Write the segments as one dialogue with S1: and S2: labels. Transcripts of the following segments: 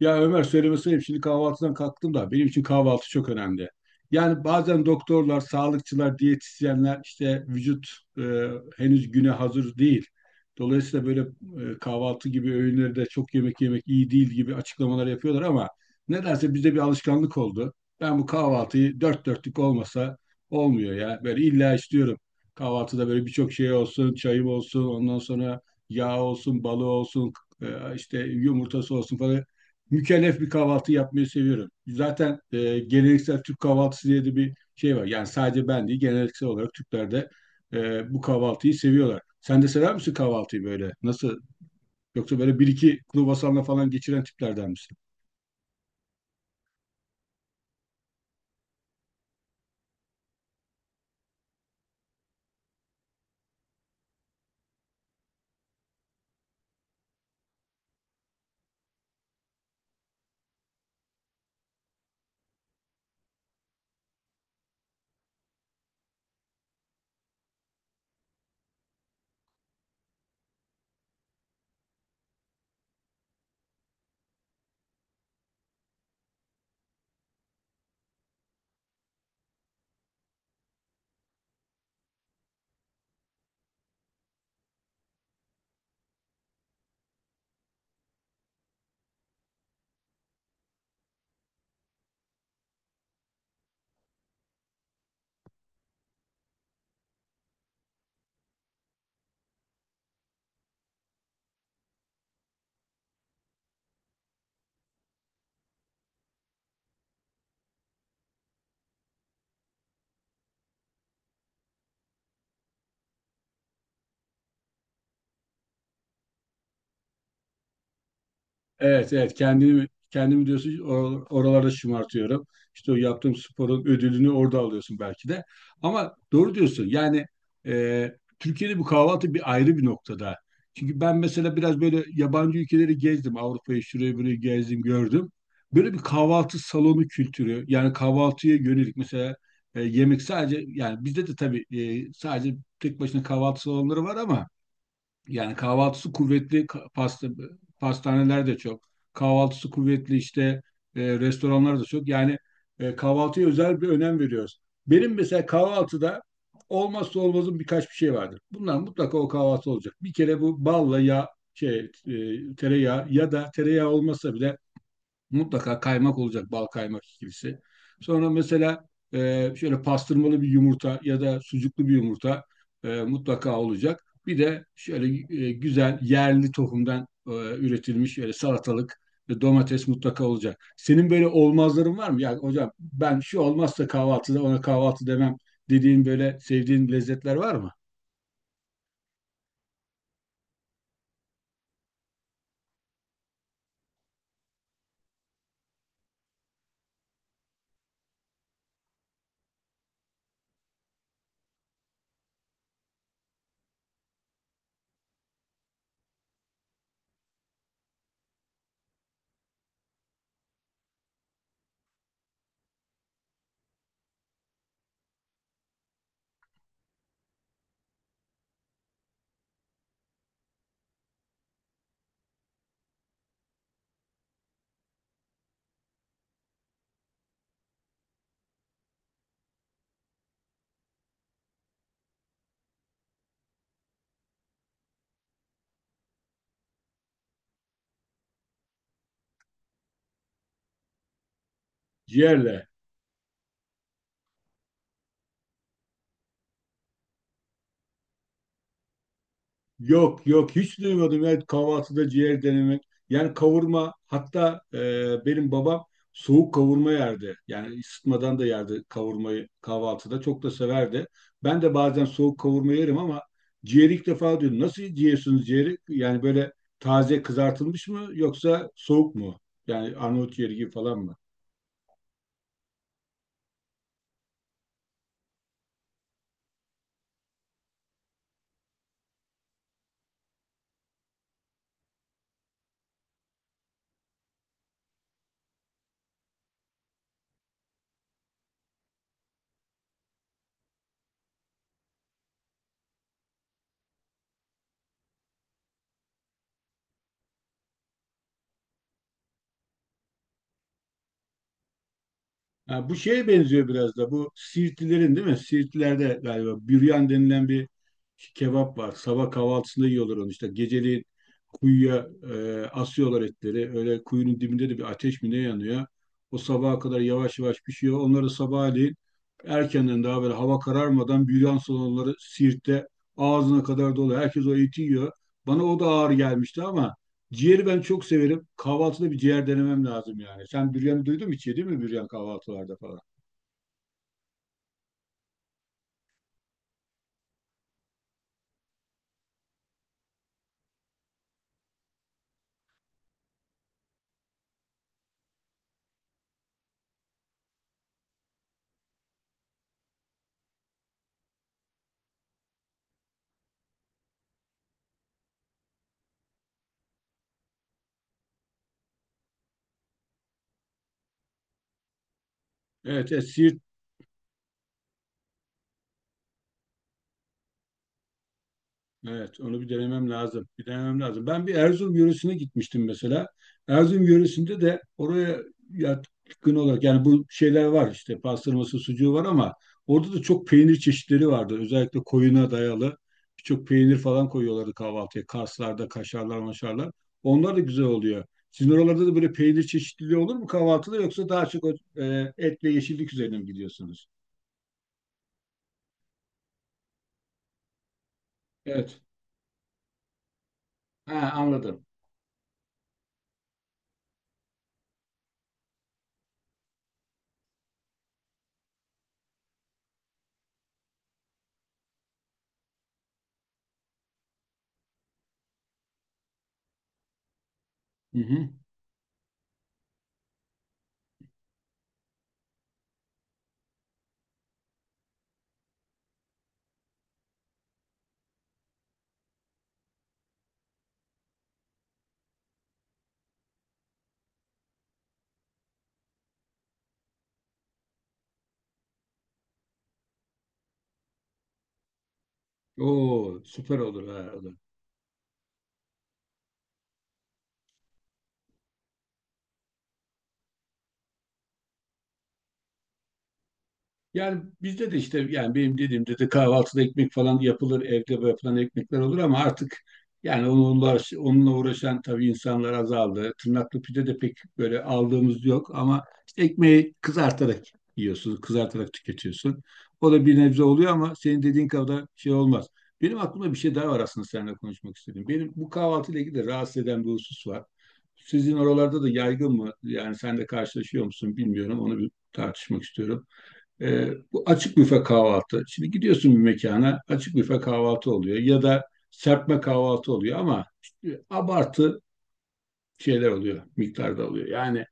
S1: Ya Ömer söylemesi ayıp. Şimdi kahvaltıdan kalktım da benim için kahvaltı çok önemli. Yani bazen doktorlar, sağlıkçılar, diyetisyenler işte vücut e, henüz güne hazır değil. Dolayısıyla böyle kahvaltı gibi öğünleri de çok yemek yemek iyi değil gibi açıklamalar yapıyorlar ama nedense bizde bir alışkanlık oldu. Ben bu kahvaltıyı dört dörtlük olmasa olmuyor ya. Böyle illa istiyorum. Kahvaltıda böyle birçok şey olsun, çayım olsun, ondan sonra yağ olsun, balı olsun, e, işte yumurtası olsun falan mükellef bir kahvaltı yapmayı seviyorum. Zaten geleneksel Türk kahvaltısı diye de bir şey var. Yani sadece ben değil, geleneksel olarak Türkler de bu kahvaltıyı seviyorlar. Sen de sever misin kahvaltıyı böyle? Nasıl? Yoksa böyle bir iki kruvasanla falan geçiren tiplerden misin? Evet, evet. Kendimi diyorsun, oralarda şımartıyorum. İşte o yaptığım sporun ödülünü orada alıyorsun belki de. Ama doğru diyorsun. Yani e, Türkiye'de bu kahvaltı bir ayrı bir noktada. Çünkü ben mesela biraz böyle yabancı ülkeleri gezdim. Avrupa'yı şurayı burayı gezdim, gördüm. Böyle bir kahvaltı salonu kültürü. Yani kahvaltıya yönelik mesela yemek sadece yani bizde de tabii sadece tek başına kahvaltı salonları var ama yani kahvaltısı kuvvetli pasta, pastaneler de çok. Kahvaltısı kuvvetli işte restoranlar da çok. Yani kahvaltıya özel bir önem veriyoruz. Benim mesela kahvaltıda olmazsa olmazım birkaç bir şey vardır. Bunlar mutlaka o kahvaltı olacak. Bir kere bu balla ya şey tereyağı ya da tereyağı olmasa bile mutlaka kaymak olacak, bal kaymak ikilisi. Sonra mesela şöyle pastırmalı bir yumurta ya da sucuklu bir yumurta mutlaka olacak. Bir de şöyle güzel yerli tohumdan üretilmiş şöyle salatalık ve domates mutlaka olacak. Senin böyle olmazların var mı? Yani hocam ben şu olmazsa kahvaltıda ona kahvaltı demem dediğin böyle sevdiğin lezzetler var mı? Ciğerle. Yok yok hiç duymadım ya kahvaltıda ciğer denemek. Yani kavurma hatta benim babam soğuk kavurma yerdi. Yani ısıtmadan da yerdi kavurmayı kahvaltıda. Çok da severdi. Ben de bazen soğuk kavurma yerim ama ciğeri ilk defa duydum. Nasıl yiyorsunuz ciğeri? Yani böyle taze kızartılmış mı yoksa soğuk mu? Yani Arnavut ciğeri gibi falan mı? Ha, bu şeye benziyor biraz da bu Siirtlilerin değil mi? Siirtlilerde galiba büryan denilen bir kebap var. Sabah kahvaltısında yiyorlar onu işte. Geceliğin kuyuya asıyorlar etleri. Öyle kuyunun dibinde de bir ateş mi ne yanıyor. O sabaha kadar yavaş yavaş pişiyor. Onları sabahleyin erkenden daha böyle hava kararmadan büryan salonları Siirt'te ağzına kadar dolu. Herkes o eti yiyor. Bana o da ağır gelmişti ama ciğeri ben çok severim. Kahvaltıda bir ciğer denemem lazım yani. Sen büryanı duydun mu, hiç yedin mi büryan kahvaltılarda falan? Evet, evet. Evet, onu bir denemem lazım. Bir denemem lazım. Ben bir Erzurum yöresine gitmiştim mesela. Erzurum yöresinde de oraya yatkın olarak yani bu şeyler var işte pastırması, sucuğu var ama orada da çok peynir çeşitleri vardı. Özellikle koyuna dayalı birçok peynir falan koyuyorlardı kahvaltıya. Karslarda, kaşarlar, maşarlar. Onlar da güzel oluyor. Sizin oralarda da böyle peynir çeşitliliği olur mu kahvaltıda yoksa daha çok o, et ve yeşillik üzerine mi gidiyorsunuz? Evet. Ha, anladım. Hı hı. Oo, süper olur ha. O yani bizde de işte yani benim dediğimde de kahvaltıda ekmek falan yapılır, evde yapılan ekmekler olur ama artık yani onunla uğraşan tabii insanlar azaldı. Tırnaklı pide de pek böyle aldığımız yok ama işte ekmeği kızartarak yiyorsun, kızartarak tüketiyorsun. O da bir nebze oluyor ama senin dediğin kadar şey olmaz. Benim aklımda bir şey daha var aslında, seninle konuşmak istedim. Benim bu kahvaltıyla ilgili de rahatsız eden bir husus var. Sizin oralarda da yaygın mı? Yani sen de karşılaşıyor musun bilmiyorum. Onu bir tartışmak istiyorum. Bu açık büfe kahvaltı. Şimdi gidiyorsun bir mekana açık büfe kahvaltı oluyor ya da serpme kahvaltı oluyor ama işte abartı şeyler oluyor, miktarda oluyor. Yani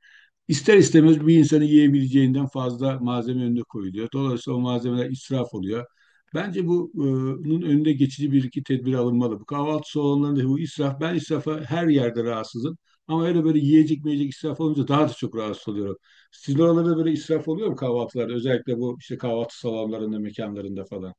S1: İster istemez bir insanın yiyebileceğinden fazla malzeme önüne koyuluyor. Dolayısıyla o malzemeler israf oluyor. Bence bu, bunun önünde geçici bir iki tedbir alınmalı. Bu kahvaltı salonlarında bu israf, ben israfa her yerde rahatsızım. Ama öyle böyle yiyecek meyecek israf olunca daha da çok rahatsız oluyorum. Sizin oralarda böyle israf oluyor mu kahvaltılarda? Özellikle bu işte kahvaltı salonlarında, mekanlarında falan.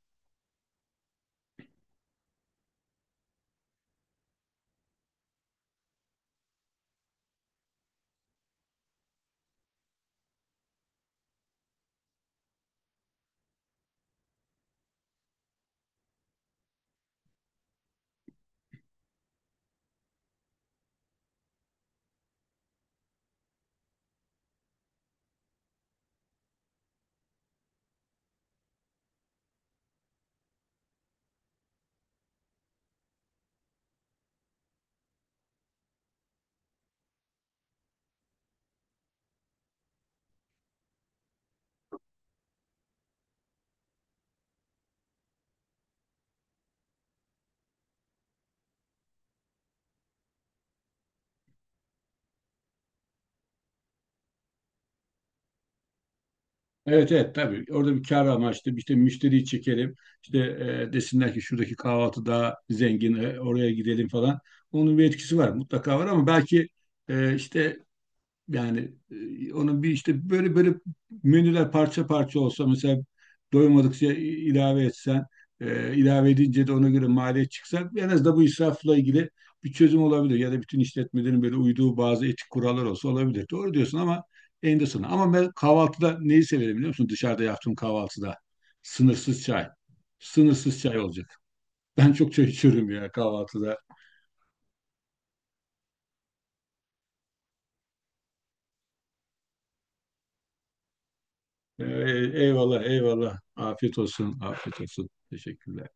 S1: Evet, evet, tabii orada bir kar amaçlı işte müşteriyi çekelim, işte desinler ki şuradaki kahvaltı daha zengin, oraya gidelim falan, onun bir etkisi var mutlaka var ama belki işte yani onun bir işte böyle menüler parça parça olsa mesela doymadıkça ilave etsen, ilave edince de ona göre maliyet çıksa en azından bu israfla ilgili bir çözüm olabilir. Ya da bütün işletmelerin böyle uyduğu bazı etik kurallar olsa olabilir. Doğru diyorsun ama eninde sonunda. Ama ben kahvaltıda neyi severim biliyor musun? Dışarıda yaptığım kahvaltıda sınırsız çay. Sınırsız çay olacak. Ben çok çay içiyorum ya kahvaltıda. Ee, Eyvallah, eyvallah. Afiyet olsun, afiyet olsun. Teşekkürler.